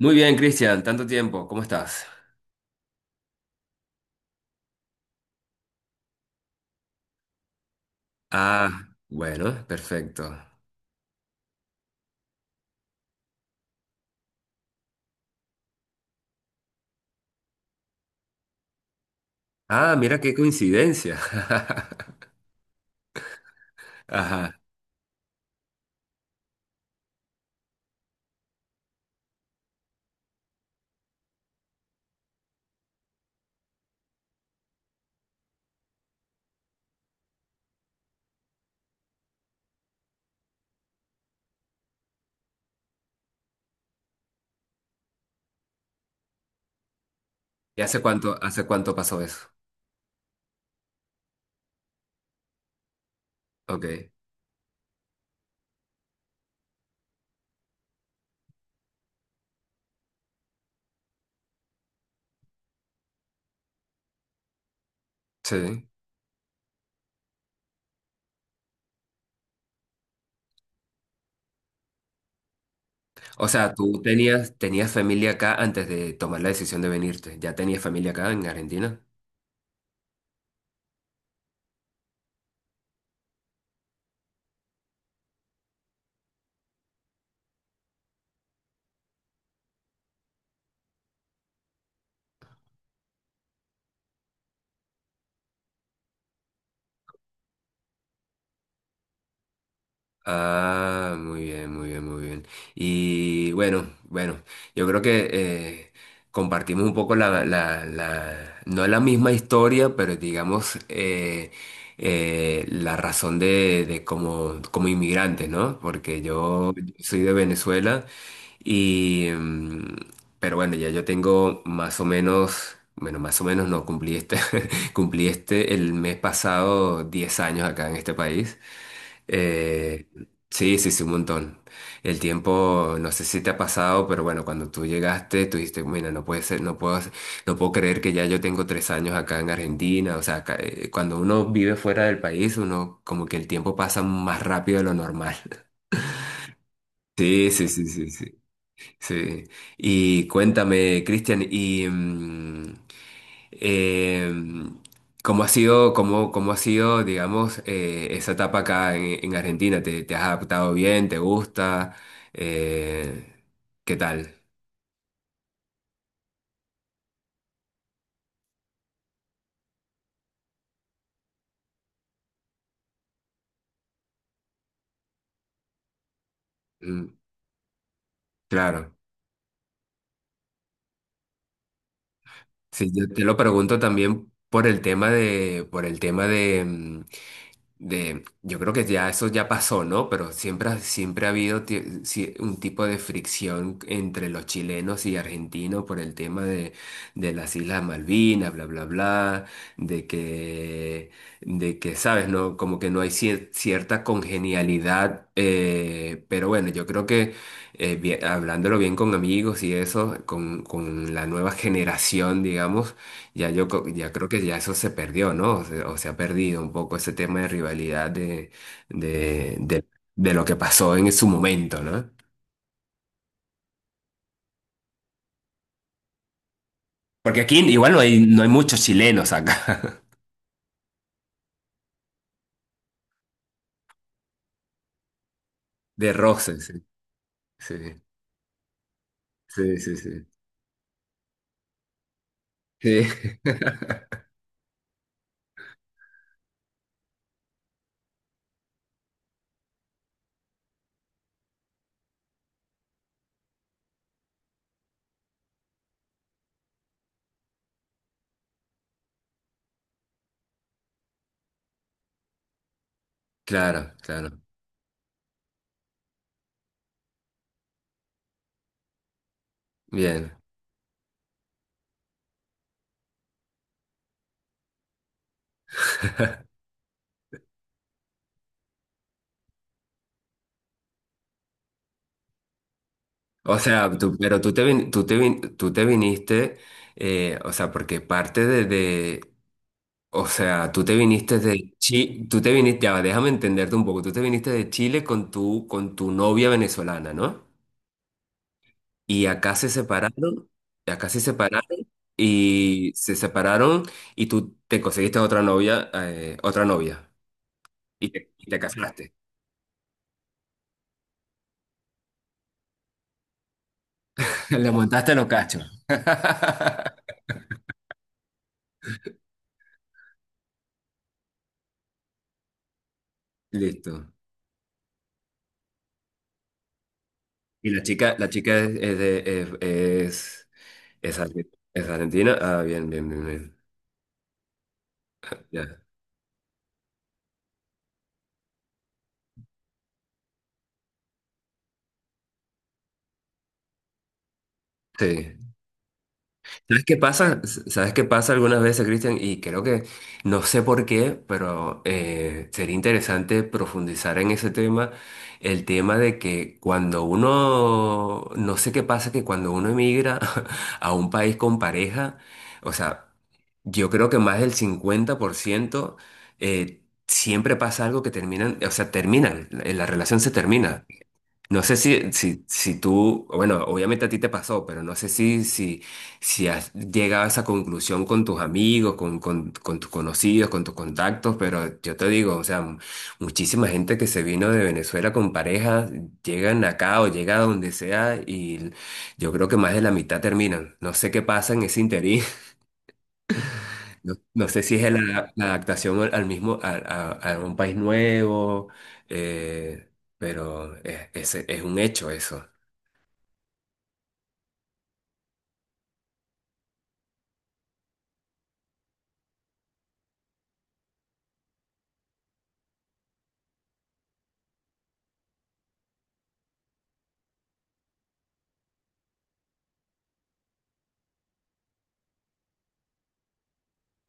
Muy bien, Cristian, tanto tiempo, ¿cómo estás? Ah, bueno, perfecto. Ah, mira qué coincidencia. Ajá. ¿Y hace cuánto pasó eso? Ok, sí. O sea, tú tenías familia acá antes de tomar la decisión de venirte. ¿Ya tenías familia acá en Argentina? Ah, muy bien, muy bien, muy bien. Y bueno, bueno, yo creo que compartimos un poco no la misma historia, pero digamos la razón de como inmigrante, ¿no? Porque yo soy de Venezuela y pero bueno, ya yo tengo más o menos, bueno, más o menos no, cumplí cumplí el mes pasado 10 años acá en este país. Eh, Sí, sí, sí, un montón. El tiempo, no sé si te ha pasado, pero bueno, cuando tú llegaste, tú dijiste, mira, no puede ser, no puedo creer que ya yo tengo tres años acá en Argentina. O sea, acá, cuando uno vive fuera del país, uno como que el tiempo pasa más rápido de lo normal. Sí, sí, sí, sí, sí, sí. Y cuéntame, Cristian, eh, ¿cómo ha sido, cómo, cómo ha sido, digamos, esa etapa acá en, Argentina? ¿Te has adaptado bien? ¿Te gusta? Eh, ¿Qué tal? Mm, claro. Sí, yo te lo pregunto también por el tema de, por el tema de, mm, de, yo creo que ya eso ya pasó, ¿no? Pero siempre, siempre ha habido un tipo de fricción entre los chilenos y argentinos por el tema de las Islas Malvinas, bla, bla, bla, de que, de que, ¿sabes? No, como que no hay cierta congenialidad, pero bueno, yo creo que hablándolo bien con amigos y eso, con la nueva generación, digamos, ya creo que ya eso se perdió, ¿no? O se ha perdido un poco ese tema de rivalidad de, de, de lo que pasó en su momento, ¿no? Porque aquí igual no hay muchos chilenos acá. De roces, sí. Sí, sí, sí, sí. Sí. Claro, claro. Bien. O sea, tú, pero tú te, vin- tú te, vin- tú te viniste, eh, o sea, porque parte de, o sea, tú te viniste de Chile, tú te viniste, ya, va, déjame entenderte un poco, tú te viniste de Chile con tu novia venezolana, ¿no? Y acá se separaron, y acá se separaron, y tú te conseguiste otra novia, y te casaste. Le montaste los cachos. Listo. Y la chica es, de- es, es argentina. Ah, bien, bien, bien, bien. Ya. Sí. ¿Sabes qué pasa? ¿Sabes qué pasa algunas veces, Cristian? Y creo que, no sé por qué, pero sería interesante profundizar en ese tema, el tema de que cuando uno, no sé qué pasa, que cuando uno emigra a un país con pareja, o sea, yo creo que más del 50% eh, siempre pasa algo que terminan, o sea, terminan, la relación se termina. No sé si tú, bueno, obviamente a ti te pasó, pero no sé si has llegado a esa conclusión con tus amigos, con tus conocidos, con tus contactos, pero yo te digo, o sea, muchísima gente que se vino de Venezuela con pareja, llegan acá o llega a donde sea y yo creo que más de la mitad terminan. No sé qué pasa en ese interín, no, no sé si es la adaptación al mismo, a un país nuevo, eh, pero es, es un hecho eso,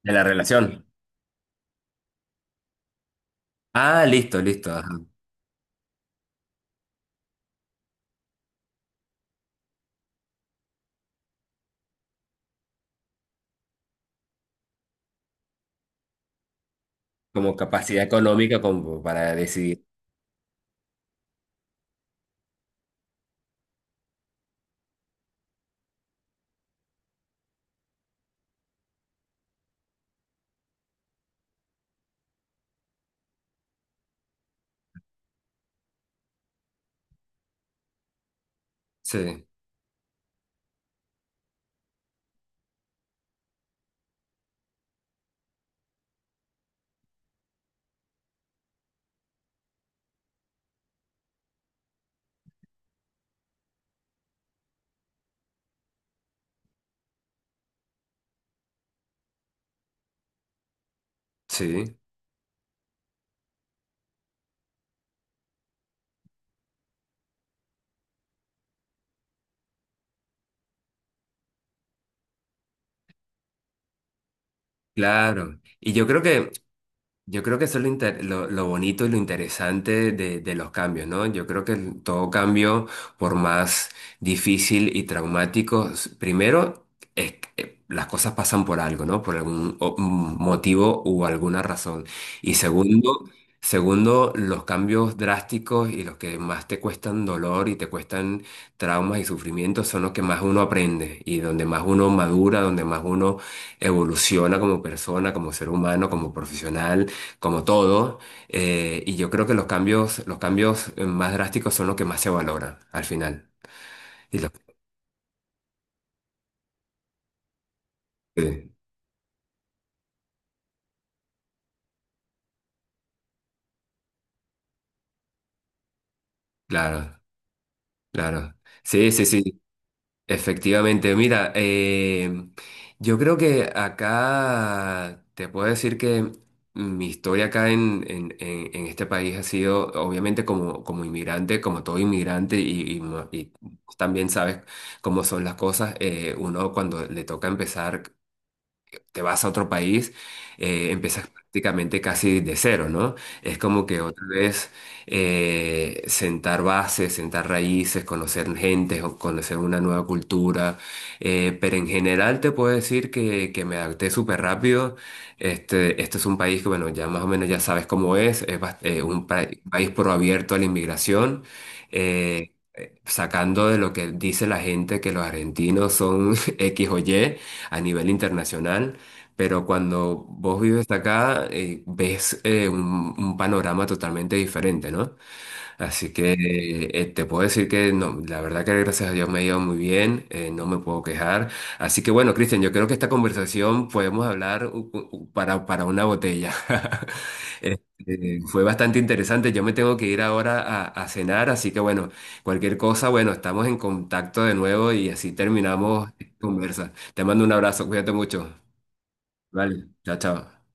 de la relación. Ah, listo, listo. Ajá. Como capacidad económica como para decidir. Sí, sí, claro. Yo creo que eso es lo bonito y lo interesante de los cambios, ¿no? Yo creo que todo cambio, por más difícil y traumático, primero es que las cosas pasan por algo, ¿no? Por algún un motivo u alguna razón. Y segundo, segundo, los cambios drásticos y los que más te cuestan dolor y te cuestan traumas y sufrimientos son los que más uno aprende y donde más uno madura, donde más uno evoluciona como persona, como ser humano, como profesional, como todo, y yo creo que los cambios más drásticos son los que más se valoran al final. Y los- sí, claro, claro. Sí, sí, sí, efectivamente. Mira, yo creo que acá te puedo decir que mi historia acá en, en este país ha sido, obviamente, como inmigrante, como todo inmigrante, y, y también sabes cómo son las cosas, uno cuando le toca empezar. Te vas a otro país, empiezas prácticamente casi de cero, ¿no? Es como que otra vez sentar bases, sentar raíces, conocer gente, o conocer una nueva cultura. Pero en general te puedo decir que, me adapté súper rápido. Este es un país que, bueno, ya más o menos ya sabes cómo es, país pro abierto a la inmigración. Sacando de lo que dice la gente que los argentinos son X o Y a nivel internacional, pero cuando vos vives acá, ves un panorama totalmente diferente, ¿no? Así que te puedo decir que no, la verdad que gracias a Dios me ha ido muy bien, no me puedo quejar. Así que bueno, Cristian, yo creo que esta conversación podemos hablar para una botella. Fue bastante interesante, yo me tengo que ir ahora a, cenar, así que bueno, cualquier cosa, bueno, estamos en contacto de nuevo y así terminamos esta conversa. Te mando un abrazo, cuídate mucho. Vale, chao, chao.